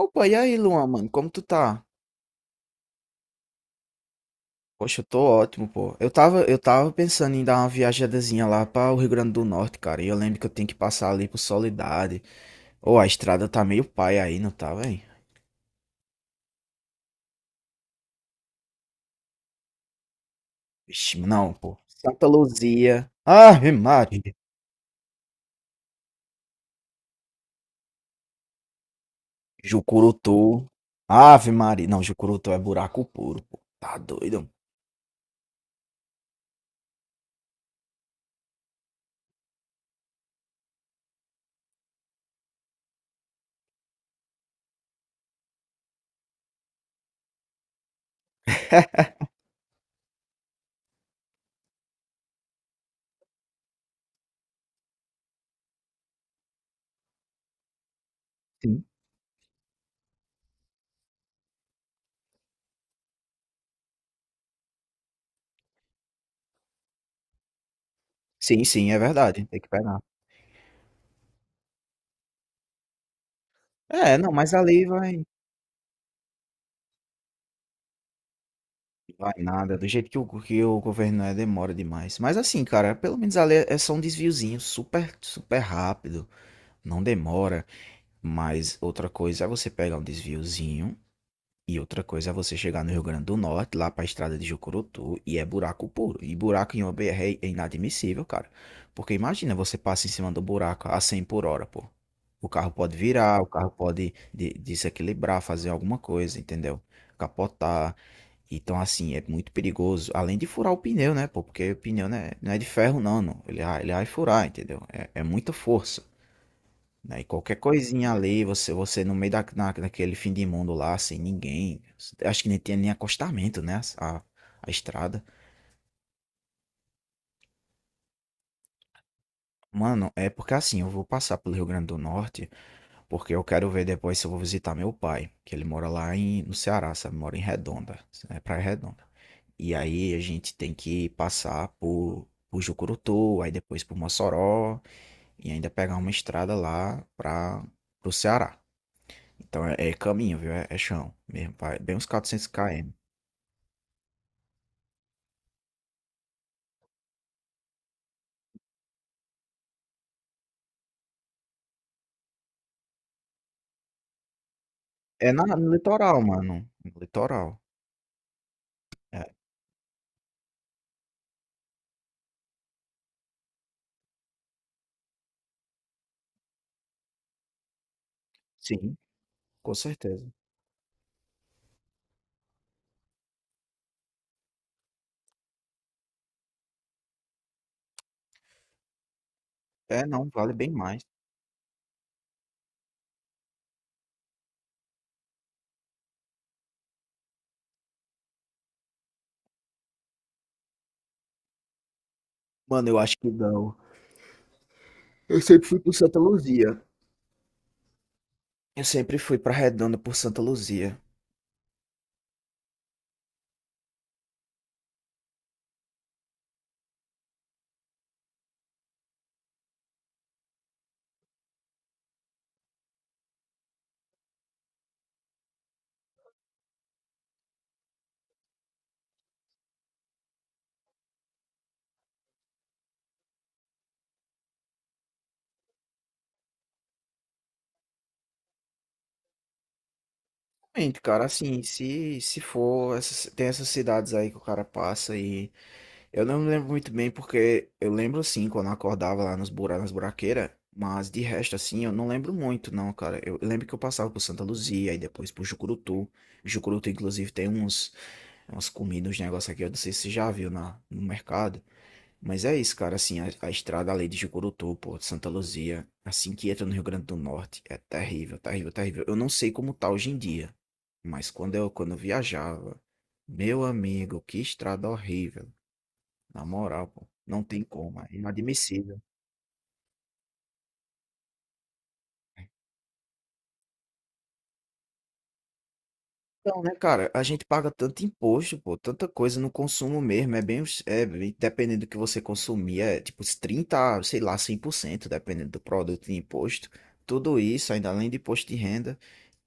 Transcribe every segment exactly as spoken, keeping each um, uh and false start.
Opa, e aí, Luan, mano, como tu tá? Poxa, eu tô ótimo, pô. Eu tava, eu tava pensando em dar uma viajadazinha lá pra o Rio Grande do Norte, cara. E eu lembro que eu tenho que passar ali por Soledade. Ô, a estrada tá meio pai aí, não tá, velho? Vixe, não, pô. Santa Luzia. Ave Maria. Jucurutu. Ave Maria. Não, Jucurutu é buraco puro, pô. Tá doido? Sim, sim, sim, é verdade. Tem que pegar. É, não, mas ali vai. Vai nada, do jeito que o, que o governo é, demora demais. Mas assim, cara, pelo menos ali é é só um desviozinho super, super rápido, não demora. Mas outra coisa é você pegar um desviozinho e outra coisa é você chegar no Rio Grande do Norte, lá pra estrada de Jucurutu, e é buraco puro. E buraco em uma B R é inadmissível, cara. Porque imagina, você passa em cima do buraco a cem por hora, pô. O carro pode virar, o carro pode de- desequilibrar, fazer alguma coisa, entendeu? Capotar. Então, assim, é muito perigoso. Além de furar o pneu, né, pô? Porque o pneu né, não é de ferro, não, não. Ele, vai- ele vai furar, entendeu? É, é muita força. Né? E qualquer coisinha ali, você, você no meio da, na, daquele fim de mundo lá, sem ninguém. Acho que nem tinha nem acostamento, né? A, a estrada. Mano, é porque assim, eu vou passar pelo Rio Grande do Norte, porque eu quero ver depois se eu vou visitar meu pai, que ele mora lá em, no Ceará, sabe? Mora em Redonda, é Praia Redonda. E aí a gente tem que passar por, por Jucurutu, aí depois por Mossoró, e ainda pegar uma estrada lá para o Ceará. Então é, é caminho, viu? É, é chão mesmo, vai bem uns quatrocentos quilômetros. É na, no litoral, mano. No litoral. É, sim, com certeza. É, não, vale bem mais. Mano, eu acho que não. Eu sempre fui por Santa Luzia. Eu sempre fui pra Redonda por Santa Luzia. Gente, cara, assim, se, se for, essas- tem essas cidades aí que o cara passa e eu não me lembro muito bem porque eu lembro sim quando eu acordava lá nos bura, nas buraqueiras, mas de resto assim eu não lembro muito não, cara. Eu eu lembro que eu passava por Santa Luzia e depois por Jucurutu. Jucurutu inclusive tem uns umas comidas, uns negócios aqui, eu não sei se você já viu na no mercado, mas é isso, cara, assim, a, a estrada ali de Jucurutu, pô, de Santa Luzia, assim que entra no Rio Grande do Norte, é terrível, terrível, terrível. Eu não sei como tá hoje em dia, mas quando eu quando eu viajava, meu amigo, que estrada horrível. Na moral, pô, não tem como, é inadmissível. Então, né, cara, a gente paga tanto imposto, pô, tanta coisa no consumo mesmo, é bem, os- é, bem- dependendo do que você consumir, é tipo uns trinta, sei lá, cem por cento, dependendo do produto de imposto. Tudo isso, ainda além de imposto de renda,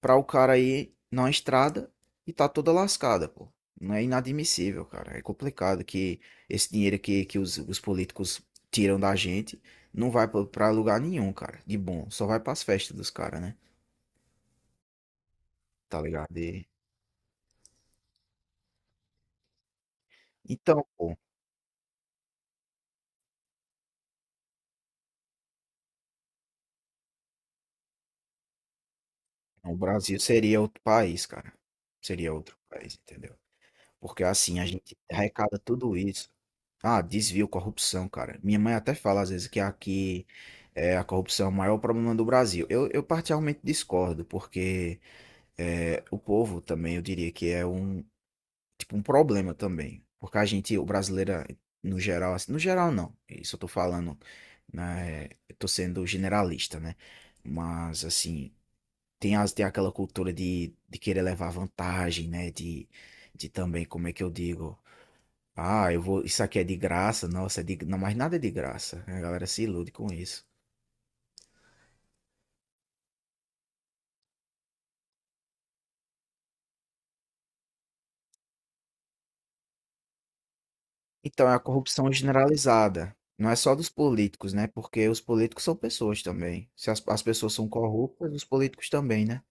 para o cara ir na estrada e tá toda lascada, pô. Não é inadmissível, cara. É complicado que esse dinheiro que, que os, os políticos tiram da gente não vai pra pra lugar nenhum, cara, de bom. Só vai pras festas dos caras, né? Tá ligado? E então, pô, o Brasil seria outro país, cara. Seria outro país, entendeu? Porque assim, a gente arrecada tudo isso. Ah, desvio, corrupção, cara. Minha mãe até fala às vezes que aqui é, a corrupção é o maior problema do Brasil. Eu, eu particularmente discordo, porque é, o povo também, eu diria que é um, tipo, um problema também. Porque a gente, o brasileiro, no geral, assim, no geral não. Isso eu tô falando, né, eu tô sendo generalista, né? Mas assim, tem, as, tem aquela cultura de, de querer levar vantagem, né? De, de também, como é que eu digo? Ah, eu vou. Isso aqui é de graça, nossa, é de, não, mas nada é de graça. Né? A galera se ilude com isso. Então, é a corrupção generalizada. Não é só dos políticos, né? Porque os políticos são pessoas também. Se as, as pessoas são corruptas, os políticos também, né?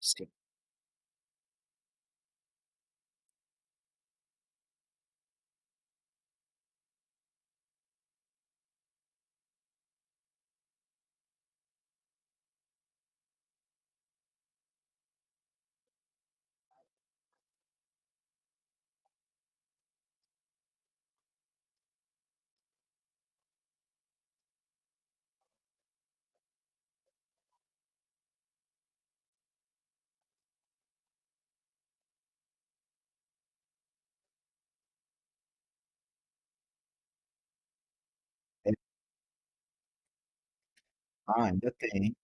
Sim. É, ah, ainda tem.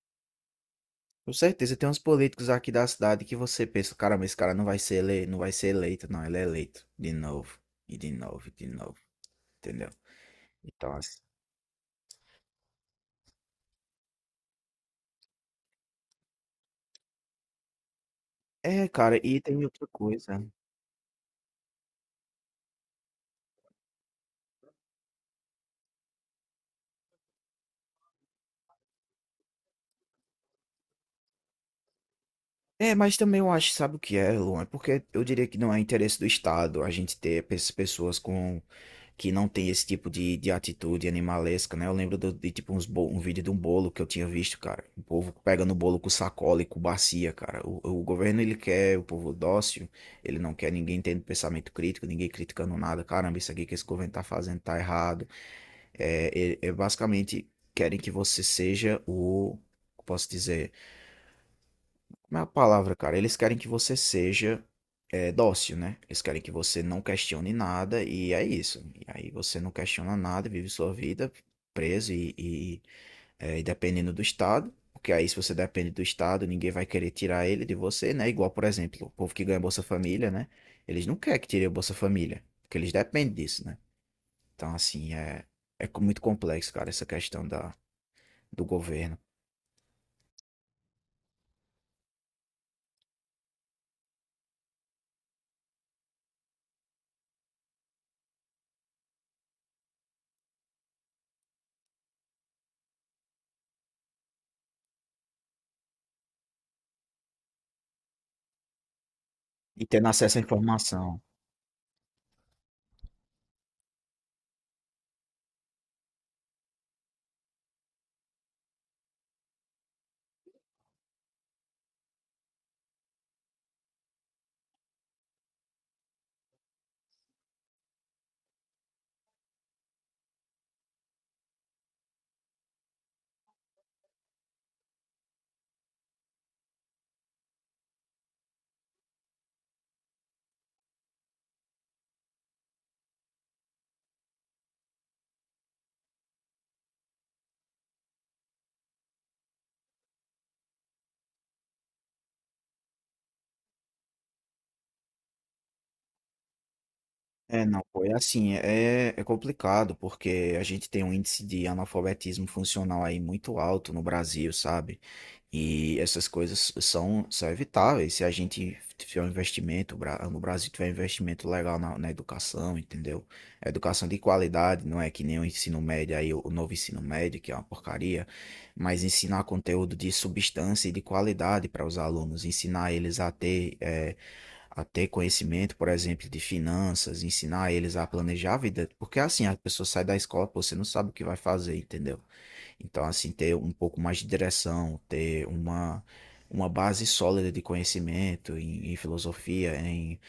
Com certeza, tem uns políticos aqui da cidade que você pensa, caramba, esse cara não vai ser ele, não vai ser eleito, não, ele é eleito de novo, e de novo, e de novo, entendeu? Então, ass é, cara, e tem outra coisa. É, mas também eu acho, sabe o que é, Luan? É porque eu diria que não é interesse do Estado a gente ter pes- pessoas com que não tem esse tipo de, de atitude animalesca, né? Eu lembro do- de tipo uns bo- um vídeo de um bolo que eu tinha visto, cara. O povo pegando o bolo com sacola e com bacia, cara. O, o governo ele quer o povo dócil, ele não quer ninguém tendo pensamento crítico, ninguém criticando nada. Caramba, isso aqui que esse governo tá fazendo tá errado. É, é, é basicamente querem que você seja o. Posso dizer. Como é a palavra, cara? Eles querem que você seja é, dócil, né? Eles querem que você não questione nada e é isso. E aí você não questiona nada, vive sua vida preso e, e, é, e dependendo do Estado. Porque aí, se você depende do Estado, ninguém vai querer tirar ele de você, né? Igual, por exemplo, o povo que ganha Bolsa Família, né? Eles não querem que tire o Bolsa Família, porque eles dependem disso, né? Então, assim, é, é muito complexo, cara, essa questão da, do governo. E tendo acesso à informação. É, não, pô, é assim, é, é complicado, porque a gente tem um índice de analfabetismo funcional aí muito alto no Brasil, sabe? E essas coisas são, são evitáveis se a gente tiver um investimento, o bra- no Brasil tiver um investimento legal na, na educação, entendeu? A educação de qualidade, não é que nem o ensino médio aí, o o novo ensino médio, que é uma porcaria, mas ensinar conteúdo de substância e de qualidade para os alunos, ensinar eles a ter. eh, a ter conhecimento, por exemplo, de finanças, ensinar eles a planejar a vida. Porque assim, a pessoa sai da escola, pô, você não sabe o que vai fazer, entendeu? Então, assim, ter um pouco mais de direção, ter uma, uma base sólida de conhecimento em, em filosofia, em,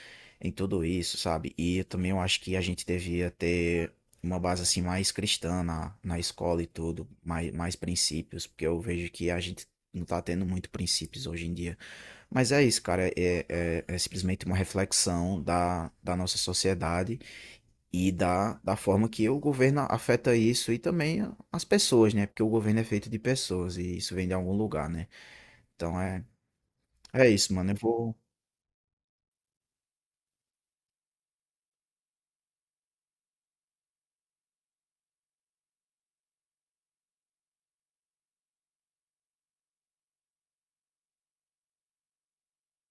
em tudo isso, sabe? E eu também eu acho que a gente devia ter uma base assim mais cristã na, na escola e tudo, mais, mais princípios, porque eu vejo que a gente não tá tendo muito princípios hoje em dia. Mas é isso, cara, é, é, é simplesmente uma reflexão da, da nossa sociedade e da, da forma que o governo afeta isso e também as pessoas, né? Porque o governo é feito de pessoas e isso vem de algum lugar, né? Então é, é isso, mano. Eu vou.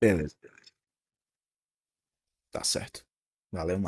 Beleza, tá certo. Valeu.